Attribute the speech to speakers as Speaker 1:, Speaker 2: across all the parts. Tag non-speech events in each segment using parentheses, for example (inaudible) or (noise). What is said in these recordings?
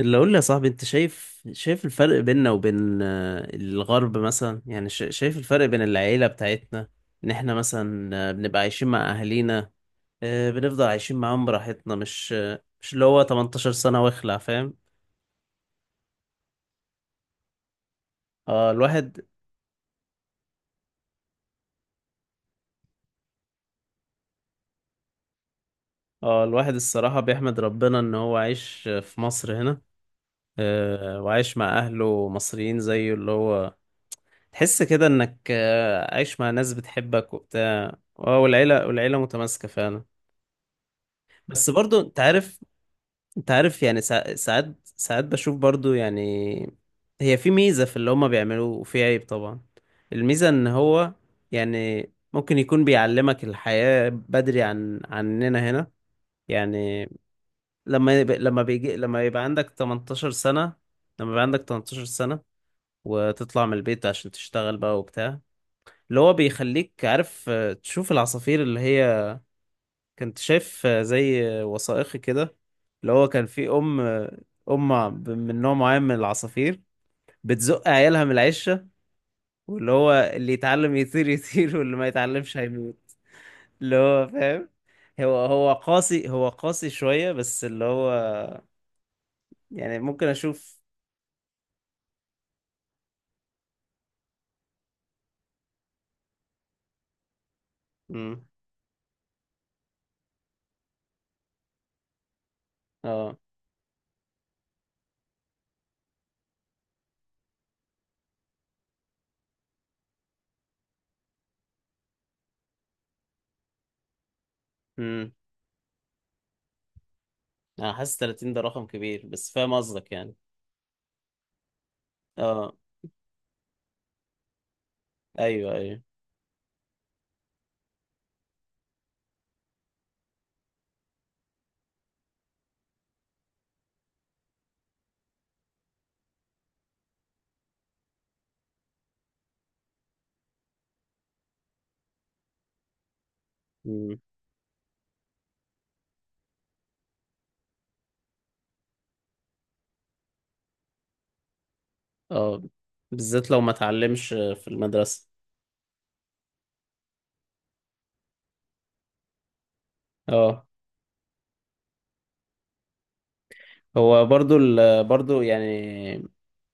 Speaker 1: اللي اقول لي يا صاحبي انت شايف الفرق بيننا وبين الغرب مثلا يعني شايف الفرق بين العيلة بتاعتنا، ان احنا مثلا بنبقى عايشين مع اهالينا. بنفضل عايشين معاهم براحتنا مش اللي هو 18 سنة واخلع، فاهم؟ اه الواحد اه الواحد الصراحة بيحمد ربنا ان هو عايش في مصر هنا وعايش مع اهله مصريين زيه اللي هو. تحس كده انك عايش مع ناس بتحبك وبتاع والعيلة متماسكة فعلا. بس برضو انت عارف يعني ساعات ساعات بشوف برضو يعني. هي في ميزة في اللي هما بيعملوه وفي عيب طبعا. الميزة ان هو يعني ممكن يكون بيعلمك الحياة بدري عننا هنا يعني. لما يبقى عندك 18 سنة، لما يبقى عندك 18 سنة وتطلع من البيت عشان تشتغل بقى وبتاع، اللي هو بيخليك عارف. تشوف العصافير اللي هي، كنت شايف زي وثائقي كده، اللي هو كان في ام آه، ام ع- ب- من نوع معين من العصافير بتزق عيالها من العشه، واللي هو اللي يتعلم يطير يطير واللي ما يتعلمش هيموت، اللي هو فاهم. هو قاسي شويه، بس اللي هو يعني ممكن اشوف. امم. اه. امم. انا حاسس 30 ده رقم كبير بس فاهم قصدك يعني. اه. ايوه ايوه. امم. اه. بالذات لو ما اتعلمش في المدرسه. اه. هو برضو يعني،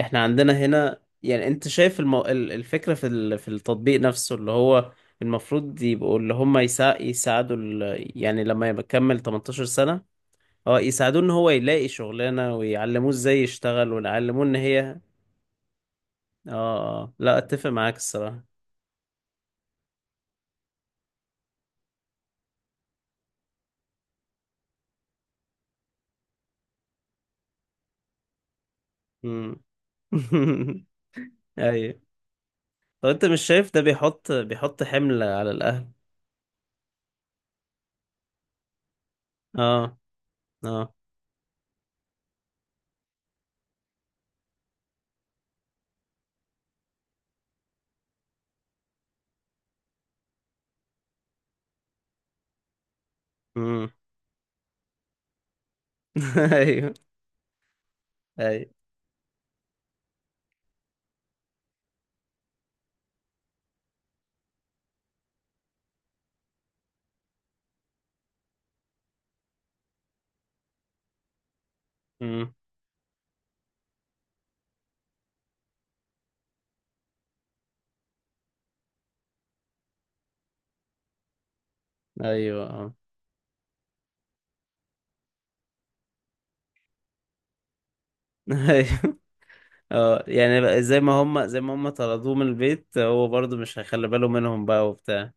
Speaker 1: احنا عندنا هنا يعني انت شايف الفكرة في التطبيق نفسه، اللي هو المفروض يبقوا اللي هم يساعدوا يعني لما يبقى كمل 18 سنة، اه يساعدوه ان هو يلاقي شغلانة ويعلموه ازاي يشتغل ويعلموه ان هي. اه. لا اتفق معاك الصراحة. مم. (laughs) ايوه. طب انت مش شايف ده بيحط حمل على الاهل؟ اه. اه. امم. (laughs) ايوه ايوه ايوه. اه. (laughs) ايوه. اه يعني بقى زي ما هم طردوه من البيت، هو برضه مش هيخلي باله منهم بقى وبتاع.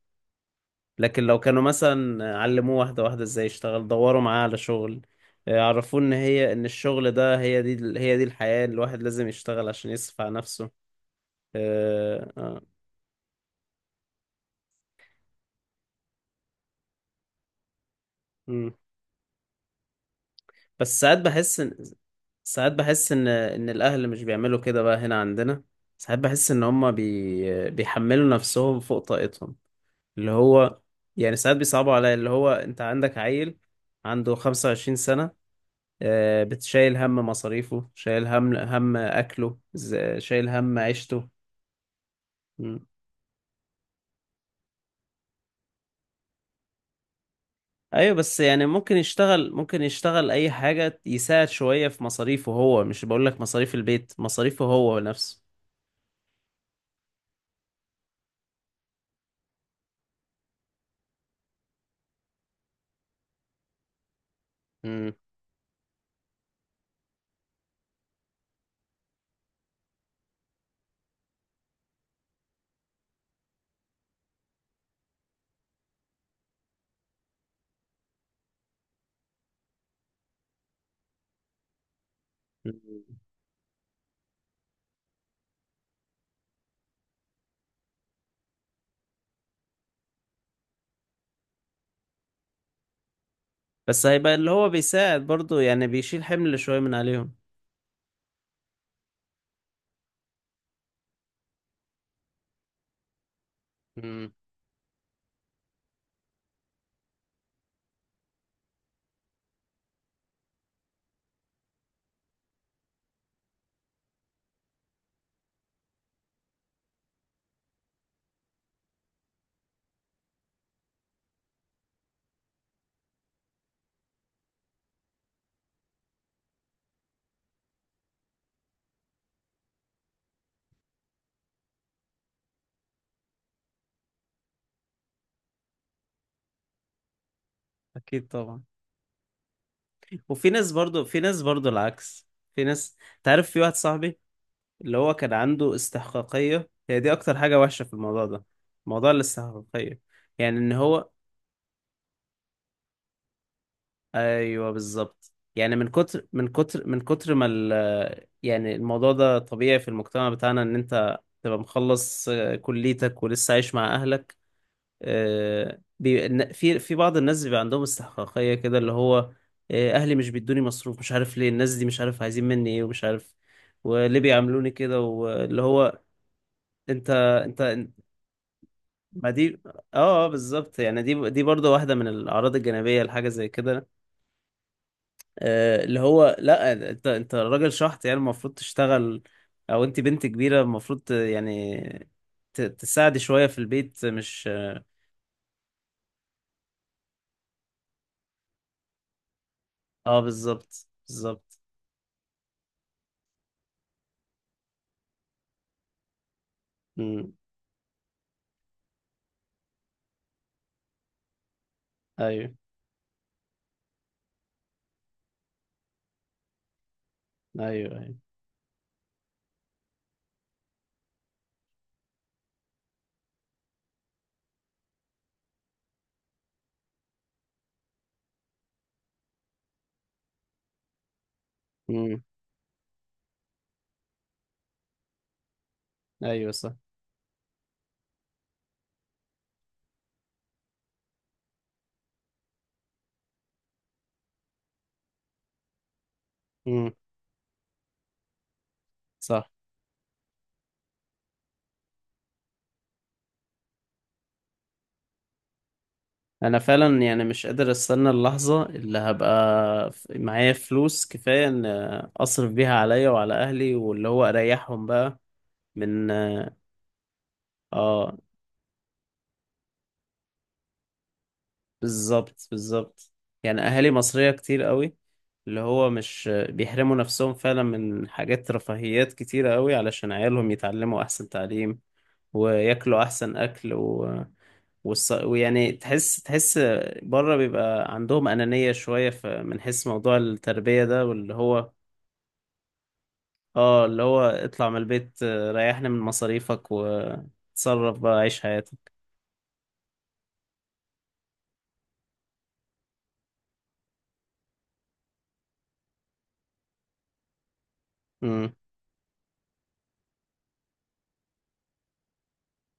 Speaker 1: لكن لو كانوا مثلا علموه واحده واحده ازاي يشتغل، دوروا معاه على شغل، عرفوه ان الشغل ده هي دي الحياه، الواحد لازم يشتغل عشان يصرف على نفسه. اه. اه. مم. بس ساعات بحس ان الاهل مش بيعملوا كده بقى هنا عندنا. ساعات بحس ان هم بيحملوا نفسهم فوق طاقتهم اللي هو. يعني ساعات بيصعبوا عليا اللي هو، انت عندك عيل عنده 25 سنة، بتشايل هم مصاريفه، شايل هم أكله، شايل هم عيشته. مم. أيوة بس يعني ممكن يشتغل أي حاجة، يساعد شوية في مصاريفه. هو مش بقول لك مصاريف البيت، مصاريفه هو نفسه. مم. مم. بس هيبقى اللي هو بيساعد برضه يعني، بيشيل حمل شوية من عليهم. مم. أكيد طبعا. وفي ناس برضه العكس. في ناس تعرف، في واحد صاحبي اللي هو كان عنده استحقاقية، هي دي أكتر حاجة وحشة في الموضوع ده، موضوع الاستحقاقية. يعني إن هو أيوه، بالظبط. يعني من كتر من كتر من كتر ما يعني الموضوع ده طبيعي في المجتمع بتاعنا، إن أنت تبقى مخلص كليتك ولسه عايش مع أهلك. آه، بي... إن- في في بعض الناس بيبقى عندهم استحقاقية كده، اللي هو أهلي مش بيدوني مصروف، مش عارف ليه الناس دي، مش عارف عايزين مني إيه، ومش عارف وليه بيعاملوني كده، واللي هو انت انت. ما دي اه، بالظبط. يعني دي برضه واحده من الاعراض الجانبيه لحاجه زي كده، اللي هو لا، انت راجل شحط يعني المفروض تشتغل، او انت بنت كبيره المفروض يعني تساعدي شويه في البيت، مش بالظبط بالظبط. امم. ايوه ايوه ايوه. امم. ايوه صح. امم. صح. انا فعلا يعني مش قادر استنى اللحظه اللي هبقى معايا فلوس كفايه، ان اصرف بيها عليا وعلى اهلي واللي هو اريحهم بقى. من اه آه، بالظبط بالظبط. يعني اهالي مصرية كتير قوي اللي هو مش بيحرموا نفسهم فعلا من حاجات رفاهيات كتيرة قوي علشان عيالهم يتعلموا احسن تعليم وياكلوا احسن اكل ويعني تحس بره بيبقى عندهم أنانية شوية في، من حيث موضوع التربية ده، واللي هو اه اللي هو اطلع من البيت ريحنا من مصاريفك وتصرف بقى عيش حياتك. امم.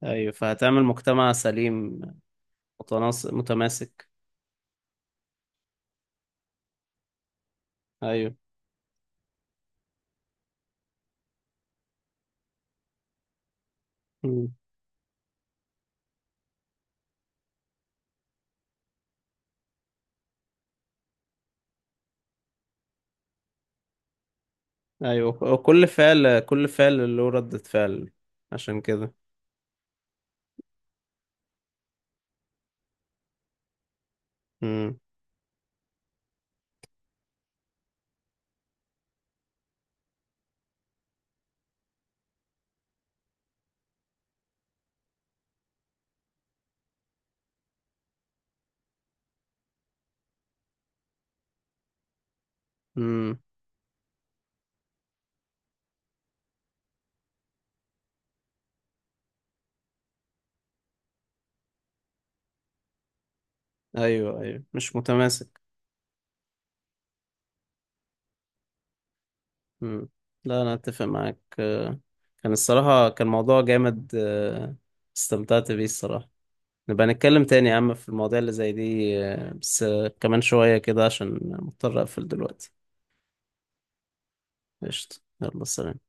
Speaker 1: ايوه فهتعمل مجتمع سليم، متماسك. ايوه. مم. ايوه، كل فعل كل فعل له ردة فعل، عشان كده. مم. مم. ايوه ايوه، مش متماسك. مم. لا انا اتفق معاك. كان الصراحة موضوع جامد استمتعت بيه الصراحة. نبقى نتكلم تاني يا عم في المواضيع اللي زي دي بس كمان شوية كده عشان مضطر اقفل دلوقتي. قشطة، يلا سلام.